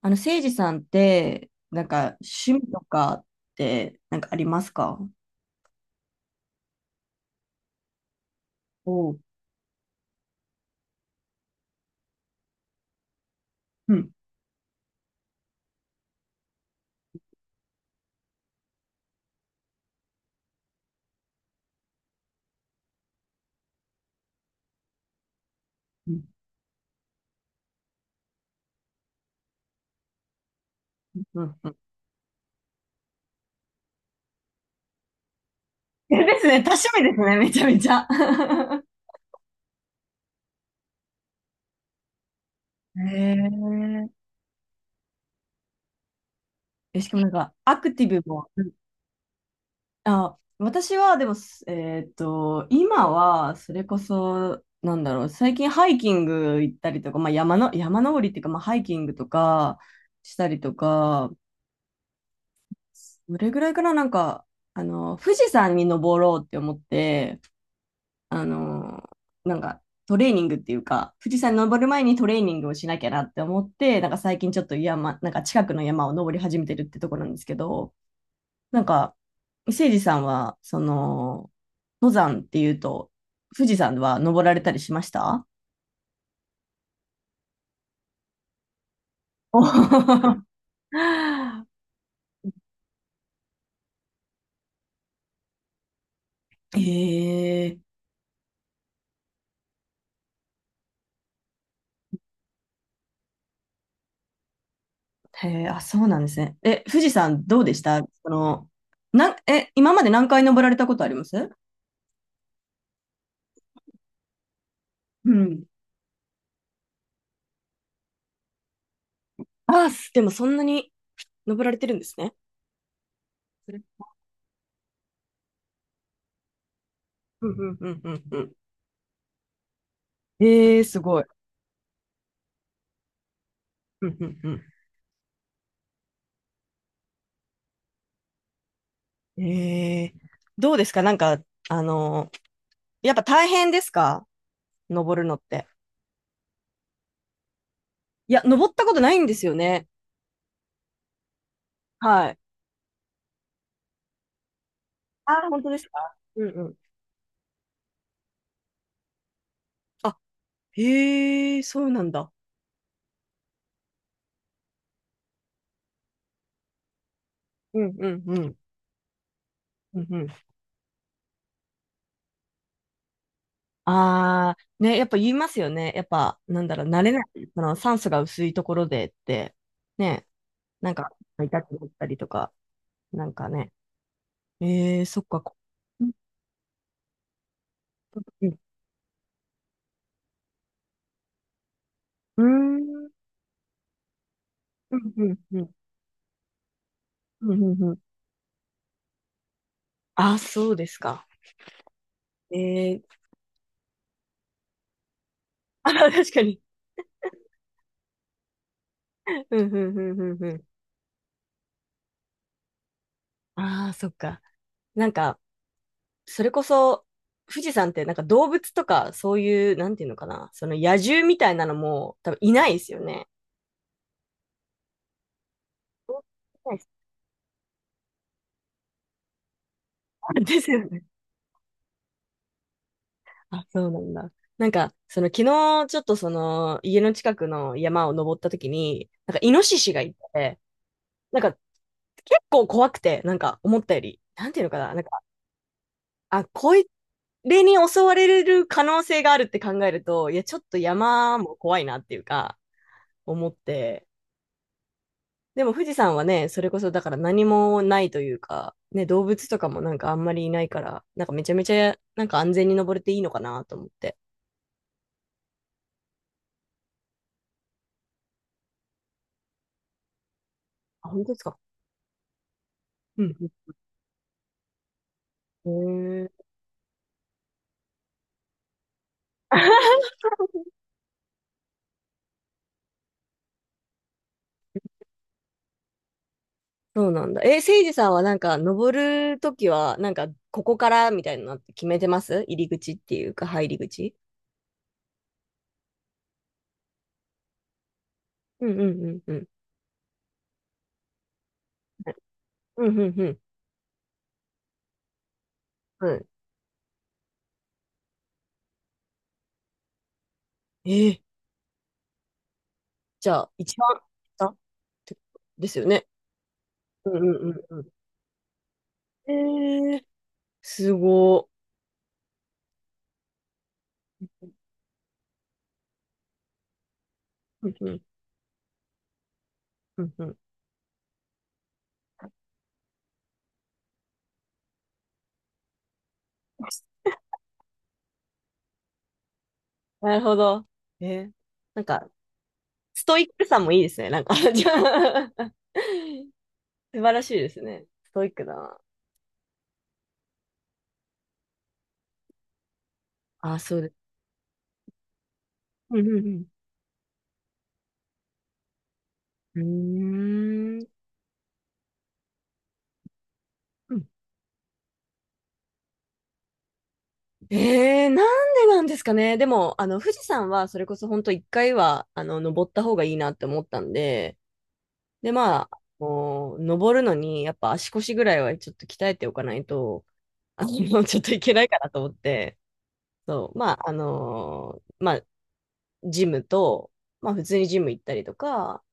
せいじさんって、なんか、趣味とかって、なんかありますか？おう。うん。うん。うん。うん。ですね。多趣味ですね。めちゃめちゃ。へえ。しかもなんか、アクティブも。うん。あ、私は、でも、すえっと、今は、それこそ、なんだろう、最近ハイキング行ったりとか、まあ、山登りっていうか、まあ、ハイキングとか、したりとか、どれぐらいかな、なんか、富士山に登ろうって思って、あの、なんかトレーニングっていうか、富士山に登る前にトレーニングをしなきゃなって思って、なんか最近ちょっとなんか近くの山を登り始めてるってところなんですけど、なんか、誠司さんは、その、登山っていうと、富士山は登られたりしました？お。えー。 へえ、へえ。あ、そうなんですね。え、富士山どうでした？その、え、今まで何回登られたことあります？うん。ああ、でもそんなに登られてるんですね。それ。うんうんうんうんうん。えー、すごい。うんうんうん。えー、どうですか？なんか、あのーやっぱ大変ですか？登るのって。いや、登ったことないんですよね。はい。あー、本当ですか？うんうん。あ、へえ、そうなんだ。うんうんうん。うんうん。あー、ね、やっぱ言いますよね。やっぱ、なんだろう、慣れない、その酸素が薄いところでって、ね、なんか、痛くなったりとか、なんかね。えー、そっか。うーん、うんうんうん、うんうんうん。あ、そうですか。えー、あ、確かに。うんうんうんうんうん。ああ、そっか。なんか、それこそ、富士山ってなんか動物とか、そういう、なんていうのかな、その野獣みたいなのも多分いないですよね。いないです。あ、ですよね。あ、そうなんだ。なんか、その昨日、ちょっとその、家の近くの山を登った時に、なんか、イノシシがいて、なんか、結構怖くて、なんか、思ったより、なんていうのかな、なんか、あ、こいれに襲われる可能性があるって考えると、いや、ちょっと山も怖いなっていうか、思って。でも富士山はね、それこそだから何もないというか、ね、動物とかもなんかあんまりいないから、なんかめちゃめちゃ、なんか安全に登れていいのかなと思って。あ、本当ですか？うん。へー。 そうなんだ。え、せいじさんはなんか登るときは、なんかここからみたいなのって決めてます？入り口っていうか、入り口？うんうんうんうん。うんうんうん。うん。え、じゃあ、一番下ってことですよね。うんうんうんうん。えー、すごー。うんうんうんうん。なるほど。えー、なんか、ストイックさもいいですね。なんか。 じゃあ。 素晴らしいですね。ストイックだな。あ、そうです。うんうんうん。うーん。うん。えー、なんでなんですかね。でも、富士山は、それこそ本当一回は、登った方がいいなって思ったんで、で、まあ、こう登るのに、やっぱ足腰ぐらいはちょっと鍛えておかないと、あの、ちょっといけないかなと思って、そう、まあ、ジムと、まあ、普通にジム行ったりとか、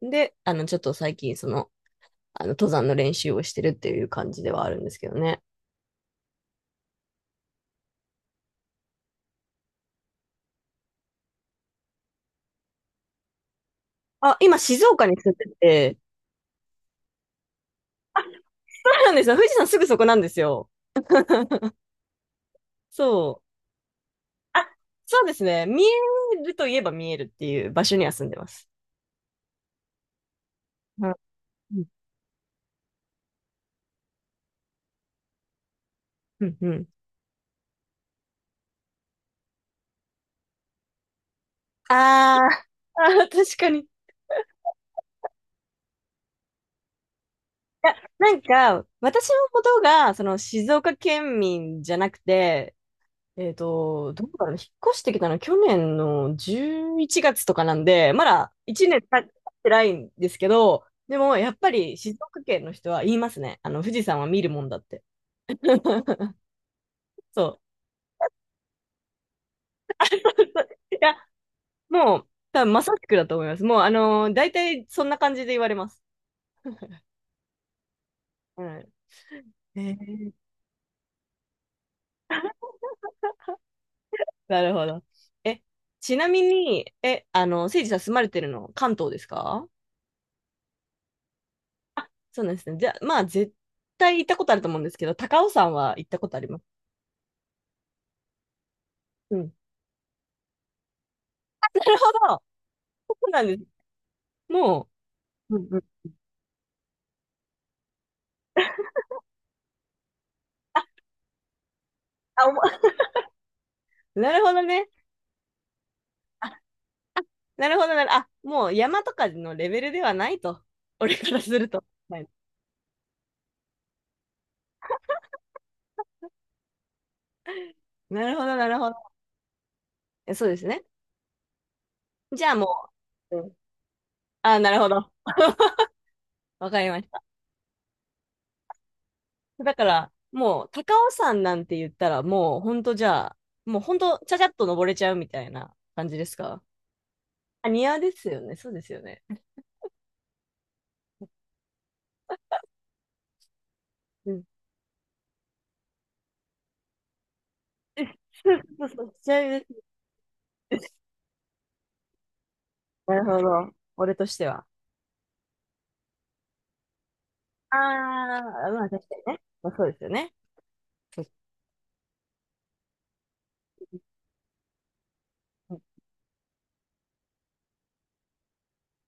で、ちょっと最近、その、登山の練習をしてるっていう感じではあるんですけどね。あ、今、静岡に住んでて、そうなんですよ。富士山すぐそこなんですよ。そう。あ、そうですね。見えるといえば見えるっていう場所には住んでます。うん、うん、うん。うん。ああ、あー、確かに。いや、なんか、私のことが、その、静岡県民じゃなくて、どこから引っ越してきたの去年の11月とかなんで、まだ1年経ってないんですけど、でも、やっぱり静岡県の人は言いますね。富士山は見るもんだって。そう。いや、もう、多分まさしくだと思います。もう、大体そんな感じで言われます。うん。へえ。なるほど。え、ちなみに、え、あの、せいじさん住まれてるの関東ですか？あ、そうなんですね。じゃあ、まあ、絶対行ったことあると思うんですけど、高尾山は行ったことあります？うん。あ、なるほど。そうなんです。もう。うんうん。あ、おも。 なるほどね。あ、なるほどなる。あ、もう山とかのレベルではないと。俺からすると。はい。なるほど、なるほど。え、そうですね。じゃあもう。うん。あ、なるほど。わかりました。だから、もう、高尾山なんて言ったら、もう、ほんとじゃあ、もうほんと、ちゃちゃっと登れちゃうみたいな感じですか？あ、庭ですよね。そうですよね。うん。そうそう、ちなみに、なるほど。俺としては。ああ、まあ確かにね。まあそうですよね。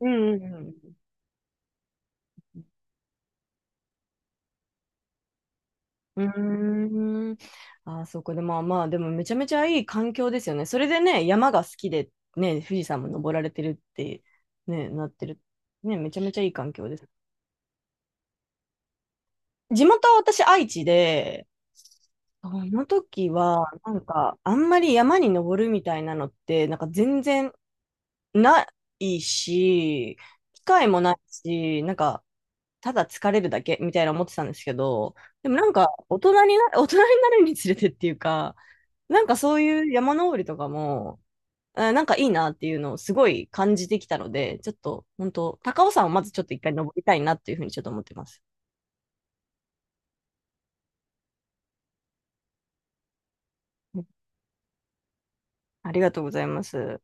うんうんうん。うーん。ああ、そうか。でもまあまあ、でもめちゃめちゃいい環境ですよね。それでね、山が好きで、ね、富士山も登られてるって、ね、なってる。ね、めちゃめちゃいい環境です。地元は私愛知で、その時は、なんか、あんまり山に登るみたいなのって、なんか全然ないし、機会もないし、なんか、ただ疲れるだけみたいな思ってたんですけど、でもなんか、大人にな、大人になるにつれてっていうか、なんかそういう山登りとかも、あ、なんかいいなっていうのをすごい感じてきたので、ちょっと、本当高尾山をまずちょっと一回登りたいなっていうふうにちょっと思ってます。うん。ありがとうございます。